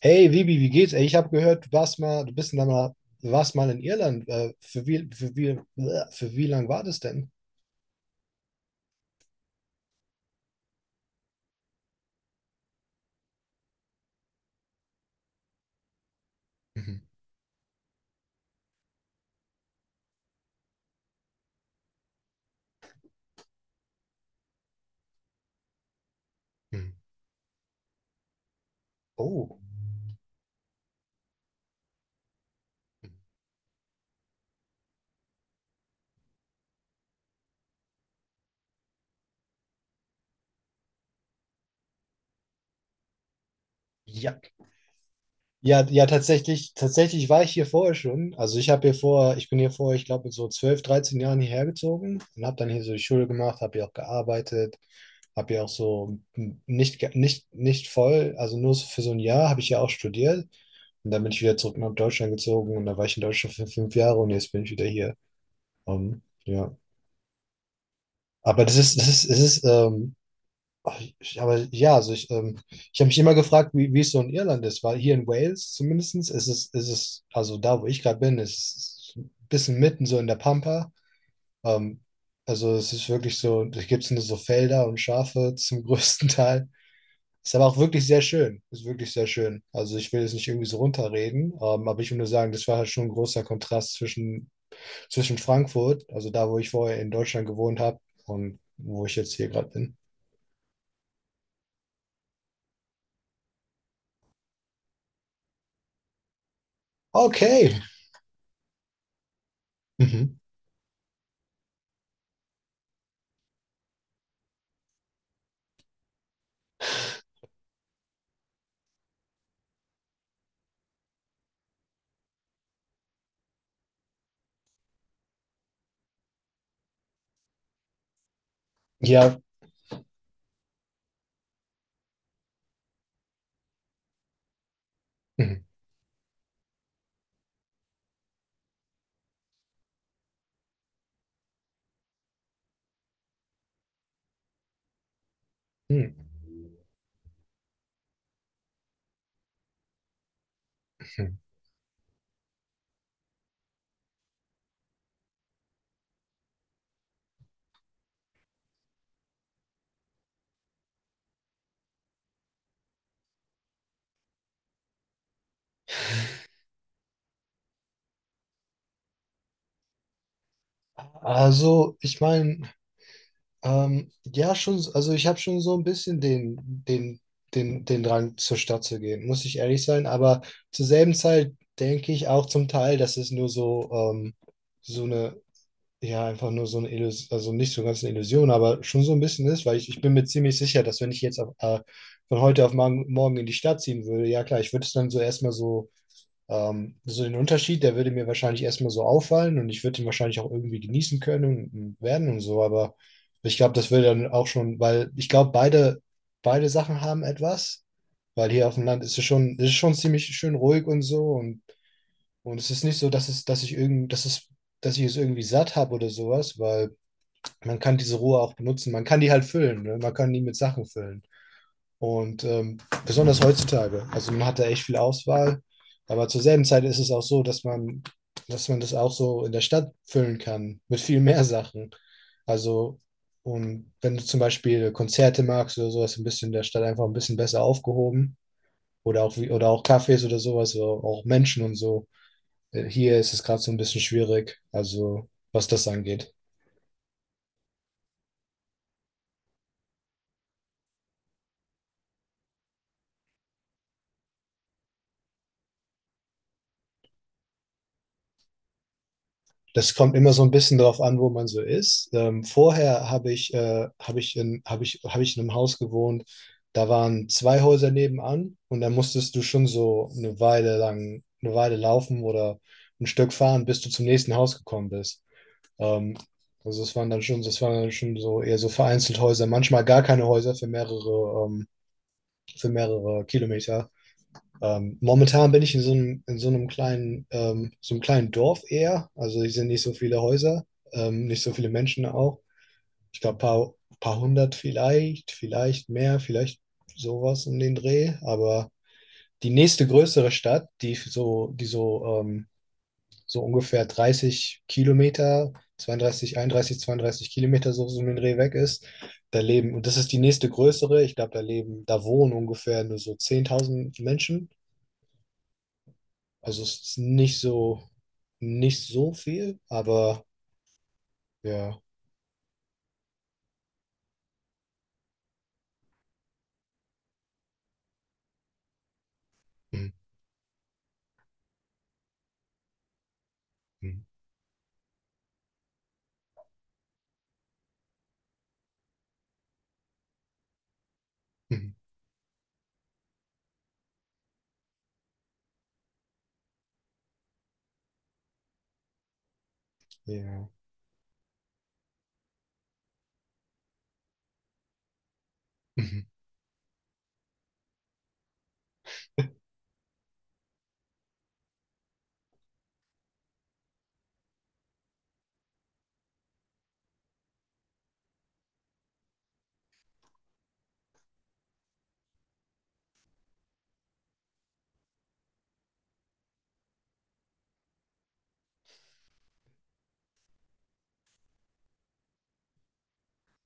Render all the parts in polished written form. Hey Vivi, wie geht's? Ey, ich habe gehört, du warst mal, du bist da mal, du warst mal in Irland. Für wie lang war das denn? Mhm. Mhm. Oh, ja. Ja, ja, tatsächlich war ich hier vorher schon. Also ich bin hier vor, ich glaube, so 12, 13 Jahren hierher gezogen und habe dann hier so die Schule gemacht, habe hier auch gearbeitet, habe hier auch so m- nicht, ge- nicht, nicht voll, also nur so für so ein Jahr habe ich ja auch studiert. Und dann bin ich wieder zurück nach Deutschland gezogen und da war ich in Deutschland für 5 Jahre und jetzt bin ich wieder hier. Ja. Aber das ist, es ist, ach, ich- aber ja, also ich, ich habe mich immer gefragt, wie es so in Irland ist, weil hier in Wales zumindest ist es, also da, wo ich gerade bin, ist es ein bisschen mitten so in der Pampa. Ähm, also es ist wirklich so, da gibt es nur so Felder und Schafe zum größten Teil. Ist aber auch wirklich sehr schön. Ist wirklich sehr schön. Also ich will es nicht irgendwie so runterreden, aber ich will nur sagen, das war halt schon ein großer Kontrast zwischen Frankfurt, also da, wo ich vorher in Deutschland gewohnt habe und wo ich jetzt hier gerade bin. Okay. Mhm. Ja. Mhm. Mhm. Mhm. Also, ich meine, ja, schon, also ich habe schon so ein bisschen den, den Drang, zur Stadt zu gehen, muss ich ehrlich sein, aber zur selben Zeit denke ich auch zum Teil, dass es nur so, so eine, ja, einfach nur so eine Illusion, also nicht so ganz eine Illusion, aber schon so ein bisschen ist, weil ich bin mir ziemlich sicher, dass wenn ich jetzt von heute auf morgen in die Stadt ziehen würde, ja klar, ich würde es dann so erstmal so, so, den Unterschied, der würde mir wahrscheinlich erstmal so auffallen und ich würde ihn wahrscheinlich auch irgendwie genießen können und werden und so, aber ich glaube, das würde dann auch schon, weil ich glaube, beide Sachen haben etwas, weil hier auf dem Land ist es schon ziemlich schön ruhig und so und es ist nicht so, dass es, dass ich irgend, dass es, dass ich es irgendwie satt habe oder sowas, weil man kann diese Rohre auch benutzen. Man kann die halt füllen, ne? Man kann die mit Sachen füllen. Und besonders heutzutage. Also man hat da echt viel Auswahl. Aber zur selben Zeit ist es auch so, dass man das auch so in der Stadt füllen kann mit viel mehr Sachen. Also, und wenn du zum Beispiel Konzerte magst oder sowas, ein bisschen in der Stadt einfach ein bisschen besser aufgehoben. Oder auch, oder auch Cafés oder sowas, oder auch Menschen und so. Hier ist es gerade so ein bisschen schwierig, also was das angeht. Das kommt immer so ein bisschen drauf an, wo man so ist. Vorher habe ich in einem Haus gewohnt, da waren zwei Häuser nebenan und da musstest du schon so eine Weile laufen oder ein Stück fahren, bis du zum nächsten Haus gekommen bist. Ähm, also es waren dann schon, das waren dann schon so eher so vereinzelt Häuser, manchmal gar keine Häuser für mehrere Kilometer. Momentan bin ich in so einem kleinen Dorf eher. Also hier sind nicht so viele Häuser, nicht so viele Menschen auch. Ich glaube, paar hundert vielleicht, mehr, vielleicht sowas um den Dreh. Aber die nächste größere Stadt, so ungefähr 30 Kilometer, 32, 31, 32 Kilometer so um den Dreh weg ist, und das ist die nächste größere, ich glaube, da wohnen ungefähr nur so 10.000 Menschen. Also es ist nicht so viel, aber ja. Mhm. Mhm. Mhm. Ja. Mhm.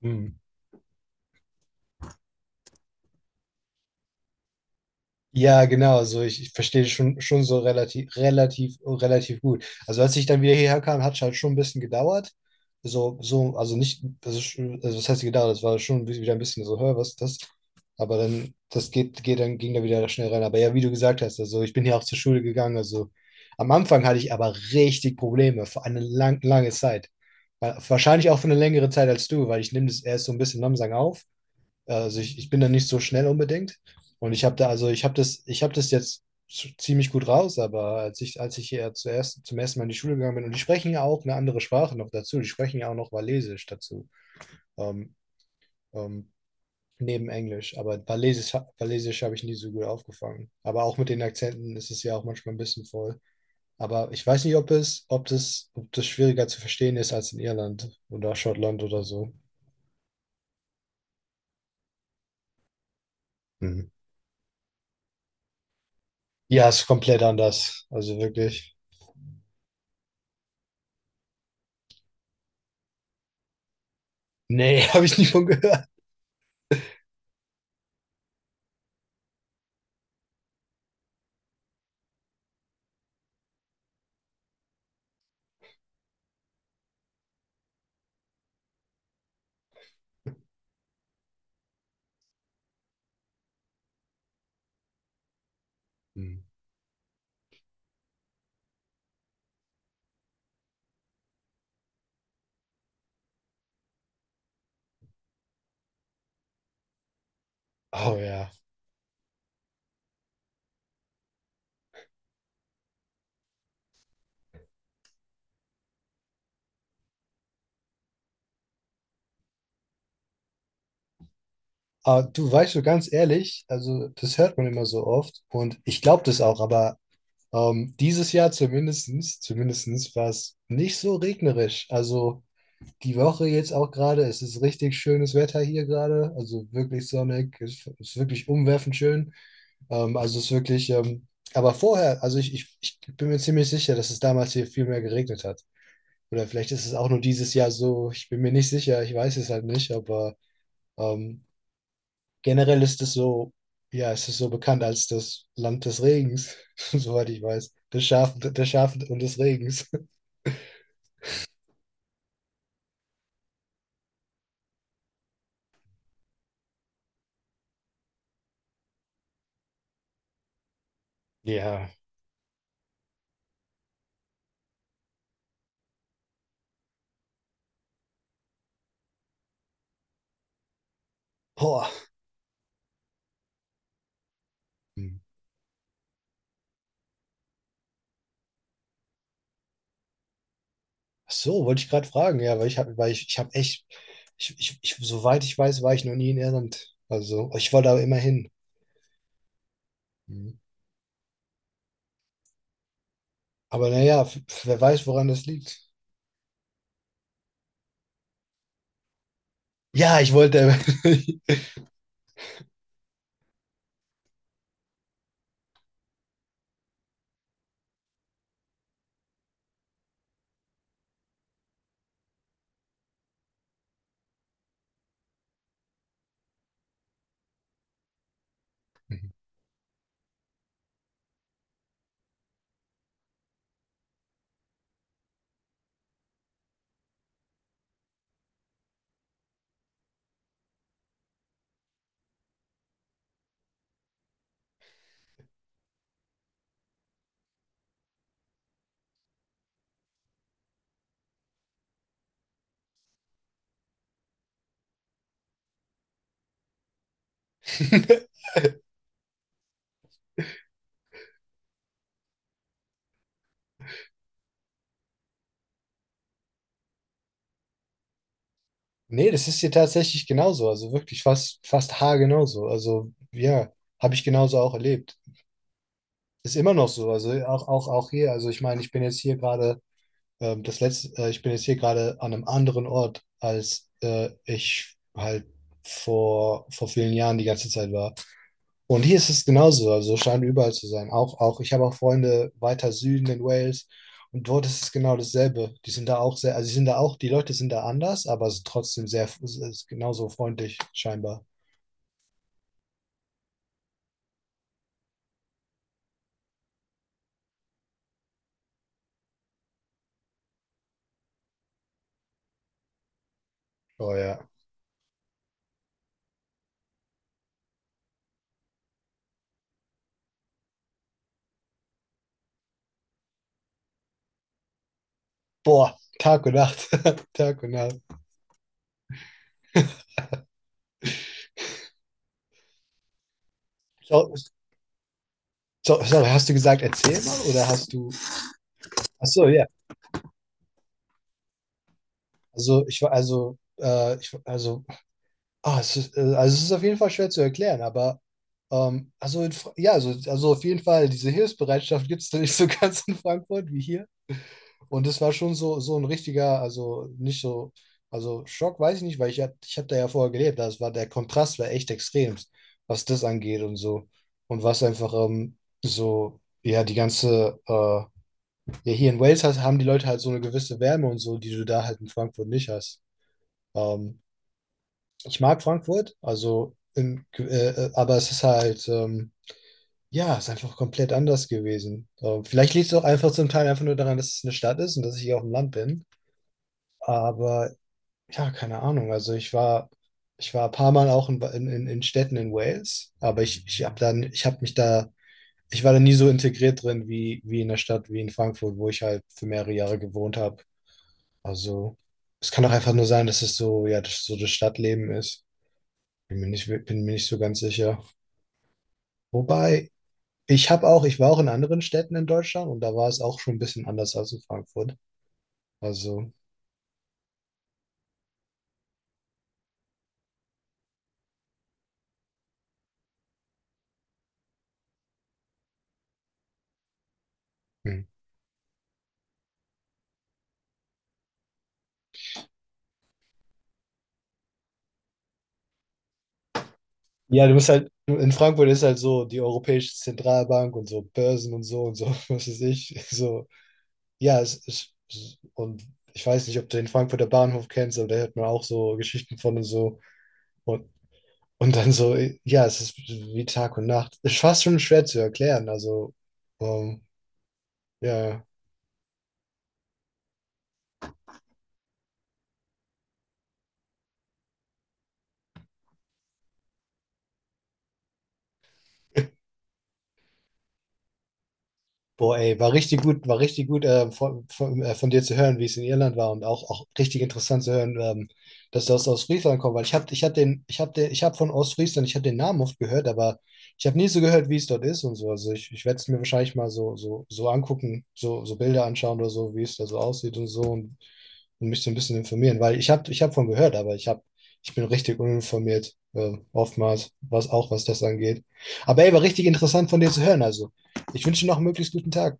Mhm. Ja, genau. Also ich verstehe schon so relativ gut. Also als ich dann wieder hierher kam, hat es halt schon ein bisschen gedauert. So, also nicht, also, also das heißt gedauert, das war schon wieder ein bisschen so, hör, was ist das? Aber dann, das geht, geht dann, ging da wieder schnell rein. Aber ja, wie du gesagt hast, also ich bin hier auch zur Schule gegangen. Also am Anfang hatte ich aber richtig Probleme für eine lange Zeit. Wahrscheinlich auch für eine längere Zeit als du, weil ich nehme das erst so ein bisschen langsam auf. Also ich bin da nicht so schnell unbedingt. Und ich habe das jetzt ziemlich gut raus, aber als ich hier zuerst zum ersten Mal in die Schule gegangen bin, und die sprechen ja auch eine andere Sprache noch dazu, die sprechen ja auch noch Walisisch dazu, ähm, ähm, neben Englisch. Aber Walisisch, Walisisch habe ich nie so gut aufgefangen. Aber auch mit den Akzenten ist es ja auch manchmal ein bisschen voll. Aber ich weiß nicht, ob das schwieriger zu verstehen ist als in Irland oder Schottland oder so. Mhm. Ja, ist komplett anders. Also wirklich. Nee, habe ich nie von gehört. Hm. Oh ja. Aber du weißt so ganz ehrlich, also das hört man immer so oft und ich glaube das auch, aber dieses Jahr zumindestens war es nicht so regnerisch. Also die Woche jetzt auch gerade, es ist richtig schönes Wetter hier gerade, also wirklich sonnig, es ist wirklich umwerfend schön. Also es ist wirklich, aber vorher, also ich bin mir ziemlich sicher, dass es damals hier viel mehr geregnet hat. Oder vielleicht ist es auch nur dieses Jahr so. Ich bin mir nicht sicher, ich weiß es halt nicht, aber ähm, generell ist es so, ja, es ist so bekannt als das Land des Regens, soweit ich weiß. Des Schafen und des Regens. Ja. Boah. Hm. Ach so, wollte ich gerade fragen, ja, weil ich habe, weil ich habe echt, soweit ich weiß, war ich noch nie in Irland. Also, ich wollte aber immer hin. Mhm. Aber naja, wer weiß, woran das liegt. Ja, ich wollte, Nee, das ist hier tatsächlich genauso. Also wirklich fast haargenau so. Also ja, habe ich genauso auch erlebt. Ist immer noch so. Also auch hier. Also ich meine, ich bin jetzt hier gerade an einem anderen Ort, als ich halt vor vielen Jahren die ganze Zeit war. Und hier ist es genauso, also scheint überall zu sein. Ich habe auch Freunde weiter Süden in Wales und dort ist es genau dasselbe. Die sind da auch sehr, also sie sind da auch, die Leute sind da anders, aber es ist genauso freundlich scheinbar. Oh ja. Boah, Tag und Nacht, Tag und Nacht. So, so, sorry, hast du gesagt, erzähl mal oder hast du? Ach so, ja. Also ich war, also ich, also es ist auf jeden Fall schwer zu erklären, aber also in, ja, also auf jeden Fall, diese Hilfsbereitschaft gibt es da nicht so ganz in Frankfurt wie hier. Und es war schon so, so ein richtiger, also nicht so, also, Schock weiß ich nicht, weil ich habe da ja vorher gelebt. Der Kontrast war echt extrem, was das angeht und so. Und was einfach so, ja, die ganze, ja, hier in Wales haben die Leute halt so eine gewisse Wärme und so, die du da halt in Frankfurt nicht hast. Ähm, ich mag Frankfurt, aber es ist halt, ja, es ist einfach komplett anders gewesen. Vielleicht liegt es auch einfach zum Teil einfach nur daran, dass es eine Stadt ist und dass ich hier auf dem Land bin. Aber ja, keine Ahnung. Also ich war ein paar Mal auch in Städten in Wales, aber ich habe dann, ich habe mich da, ich war da nie so integriert drin wie in der Stadt, wie in Frankfurt, wo ich halt für mehrere Jahre gewohnt habe. Also es kann auch einfach nur sein, dass es so, ja, so das Stadtleben ist. Bin mir nicht so ganz sicher. Wobei, ich war auch in anderen Städten in Deutschland und da war es auch schon ein bisschen anders als in Frankfurt. Also, hm. Ja, du bist halt, du- in Frankfurt ist halt so die Europäische Zentralbank und so Börsen und so, was weiß ich. So, ja, und ich weiß nicht, ob du den Frankfurter Bahnhof kennst, aber da hört man auch so Geschichten von und so. Und, und dann so, ja, es ist wie Tag und Nacht. Ist fast schon schwer zu erklären. Also, ähm, ja. Boah, ey, war richtig gut von dir zu hören, wie es in Irland war und auch, richtig interessant zu hören, dass du aus Ostfriesland kommst, weil ich hab von Ostfriesland, ich habe den Namen oft gehört, aber ich habe nie so gehört, wie es dort ist und so. Also ich werde es mir wahrscheinlich mal so, angucken, so Bilder anschauen oder so, wie es da so aussieht und so und mich so ein bisschen informieren, weil ich hab von gehört, aber ich bin richtig uninformiert, oftmals, was das angeht. Aber ey, war richtig interessant von dir zu hören, also. Ich wünsche Ihnen noch einen möglichst guten Tag.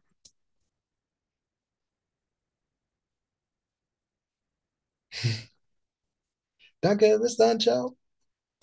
Danke, bis dann, ciao.